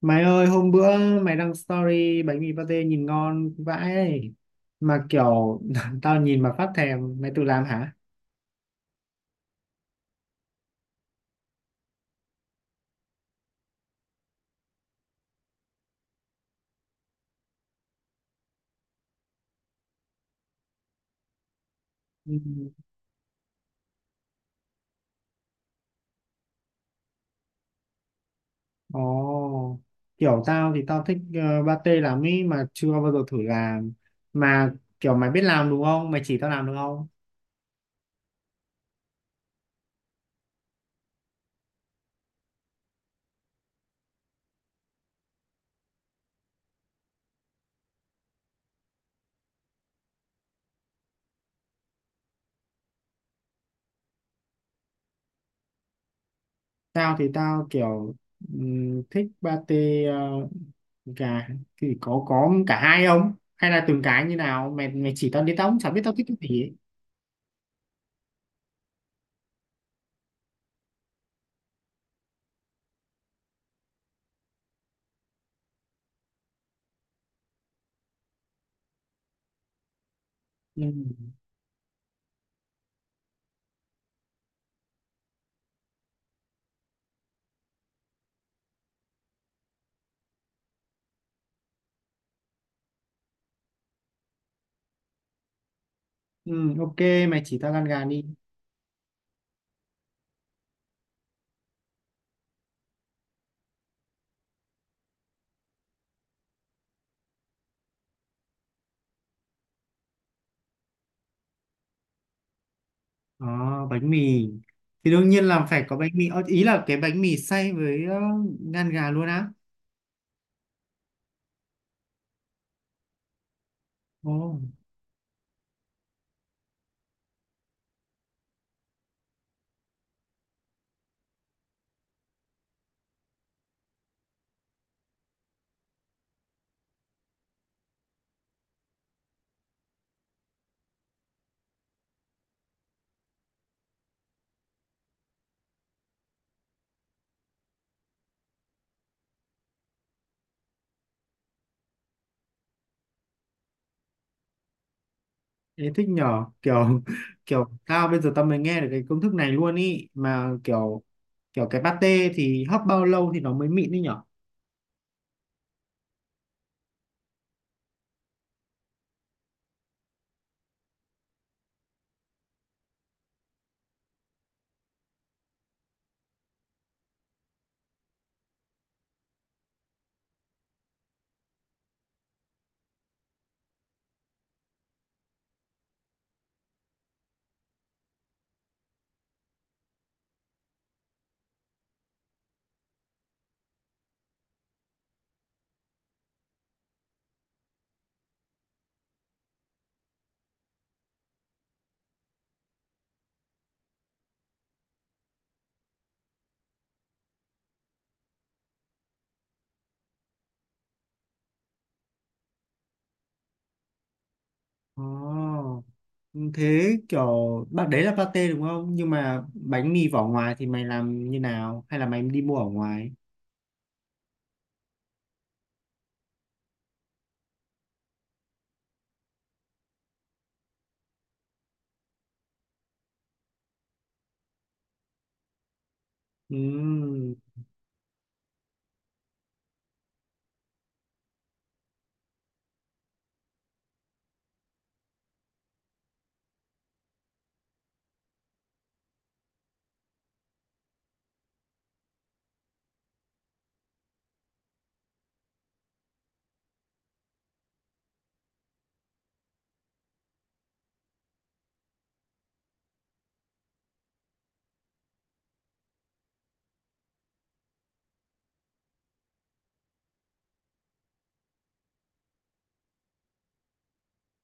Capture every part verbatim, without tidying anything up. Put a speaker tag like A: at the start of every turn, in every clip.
A: Mày ơi hôm bữa mày đăng story bánh mì pate nhìn ngon vãi ấy. Mà kiểu tao nhìn mà phát thèm, mày tự làm hả? Ừ. Ồ, kiểu tao thì tao thích uh, pate lắm ý, mà chưa bao giờ thử làm, mà kiểu mày biết làm đúng không? Mày chỉ tao làm được không? Tao thì tao kiểu ừm, thích pate, ờ, gà, thì có có cả hai không? Hay là từng cái như nào? Mày mày chỉ tao đi, tao cũng chả biết tao thích cái gì ấy. Ừ. Ừ, ok, mày chỉ tao gan gà đi. Ờ, bánh mì thì đương nhiên là phải có bánh mì. Ờ, ý là cái bánh mì xay với ờ, ngan gà luôn á. Ồ, thế thích nhỏ kiểu kiểu tao bây giờ tao mới nghe được cái công thức này luôn ý, mà kiểu kiểu cái pate thì hấp bao lâu thì nó mới mịn đi nhở? Ồ, thế kiểu bạn đấy là pate đúng không, nhưng mà bánh mì vỏ ngoài thì mày làm như nào hay là mày đi mua ở ngoài? Ừ.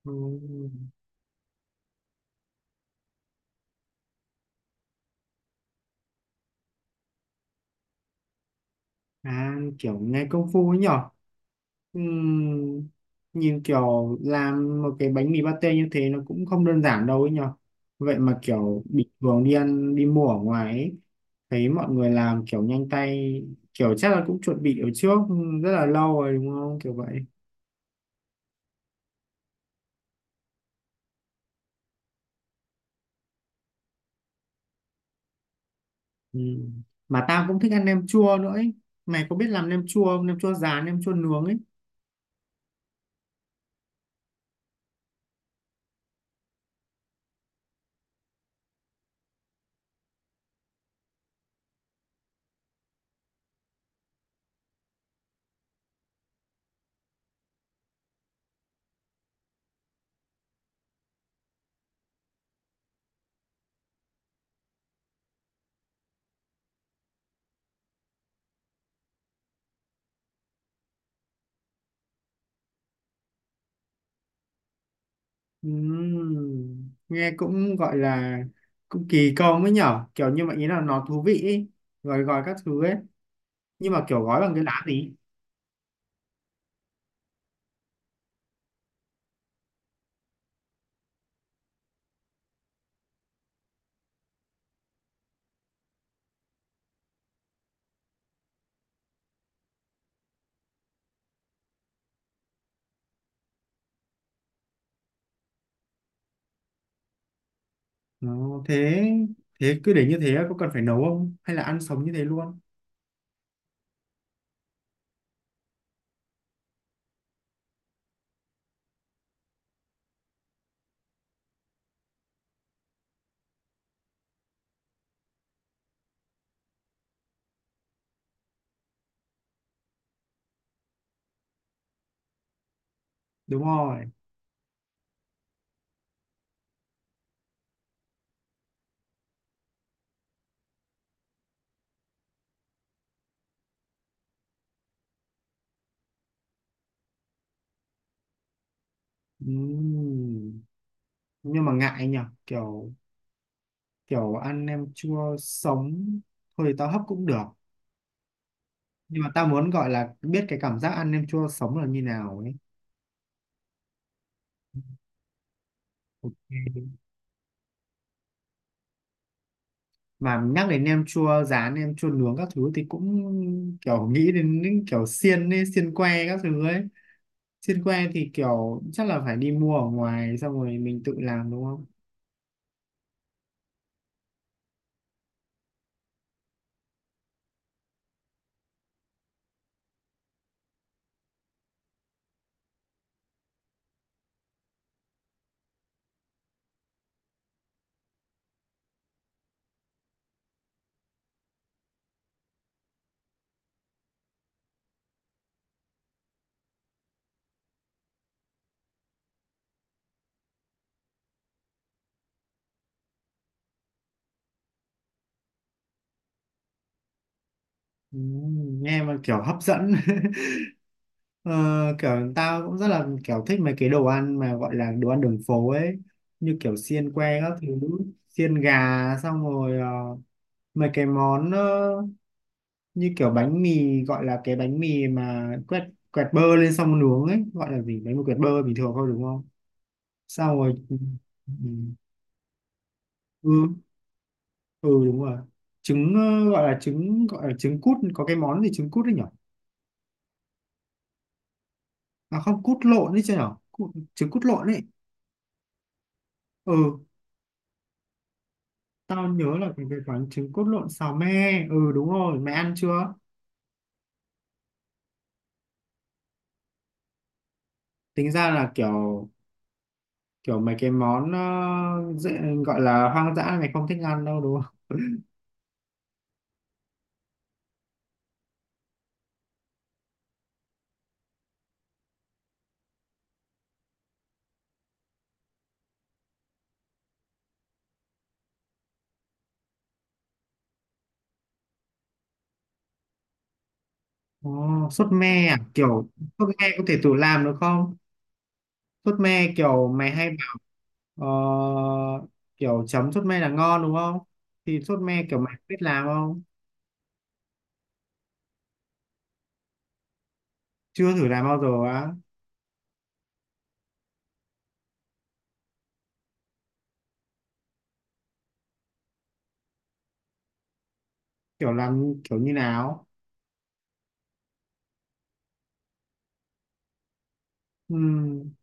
A: Ừ. À kiểu nghe công phu ấy nhở. Ừm, nhìn kiểu làm một cái bánh mì pate như thế nó cũng không đơn giản đâu ấy nhở. Vậy mà kiểu bình thường đi ăn đi mua ở ngoài ấy, thấy mọi người làm kiểu nhanh tay, kiểu chắc là cũng chuẩn bị ở trước rất là lâu rồi đúng không kiểu vậy. Ừm. Mà tao cũng thích ăn nem chua nữa ấy, mày có biết làm nem chua không, nem chua rán nem chua nướng ấy? Ừm, nghe cũng gọi là cũng kỳ công ấy nhở, kiểu như vậy ý là nó thú vị ý. Rồi gọi các thứ ấy, nhưng mà kiểu gói bằng cái lá gì? Nó thế, thế cứ để như thế có cần phải nấu không hay là ăn sống như thế luôn? Đúng rồi. Ừm, nhưng mà ngại nhở, kiểu kiểu ăn nem chua sống, thôi thì tao hấp cũng được, nhưng mà tao muốn gọi là biết cái cảm giác ăn nem chua sống là như nào ấy. Mà nhắc đến nem chua rán nem chua nướng các thứ thì cũng kiểu nghĩ đến những kiểu xiên ấy, xiên que các thứ ấy. Xiên que thì kiểu chắc là phải đi mua ở ngoài xong rồi mình tự làm đúng không? Ừ, nghe mà kiểu hấp dẫn. ờ, Kiểu tao cũng rất là kiểu thích mấy cái đồ ăn mà gọi là đồ ăn đường phố ấy, như kiểu xiên que các thứ, xiên gà, xong rồi ờ, mấy cái món, ờ, như kiểu bánh mì, gọi là cái bánh mì mà quẹt, quẹt bơ lên xong nướng ấy, gọi là gì, bánh mì quẹt bơ bình thường thôi đúng không? Sao rồi, ừ. Ừ, ừ đúng rồi. Trứng, ờ, gọi là trứng, gọi là trứng cút, có cái món gì trứng cút đấy nhở? À không, cút lộn đấy chứ nhở. Cút- trứng cút lộn đấy. Ừ, tao nhớ là cái cái quán trứng cút lộn xào me, ừ đúng rồi, mày ăn chưa? Tính ra là kiểu kiểu mấy cái món ờ, dễ, gọi là hoang dã mày không thích ăn đâu đúng không? Ồ, sốt me à? Kiểu sốt me có thể tự làm được không? Sốt me kiểu mày hay bảo ờ, kiểu chấm sốt me là ngon đúng không? Thì sốt me kiểu mày biết làm không? Chưa thử làm bao giờ á? Kiểu làm kiểu như nào? Ừm,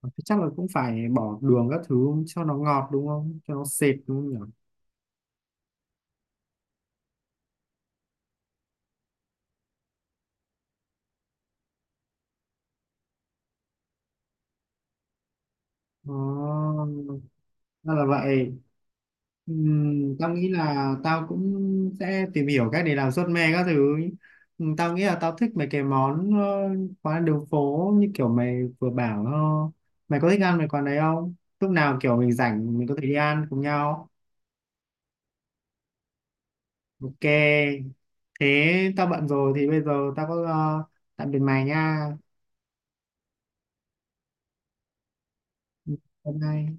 A: ờ, thế chắc là cũng phải bỏ đường các thứ cho nó ngọt đúng không? Cho nó sệt đúng không nhỉ? Ồ, ra là vậy. Ừm, tao nghĩ là tao cũng sẽ tìm hiểu cách để làm suất me các thứ. Ừm, tao nghĩ là tao thích mấy cái món ờ, quán đường phố như kiểu mày vừa bảo. ờ, Mày có thích ăn mấy quán đấy không, lúc nào kiểu mình rảnh mình có thể đi ăn cùng nhau. Ok, thế tao bận rồi, thì bây giờ tao có ờ, tạm biệt mày nha. Bye bye.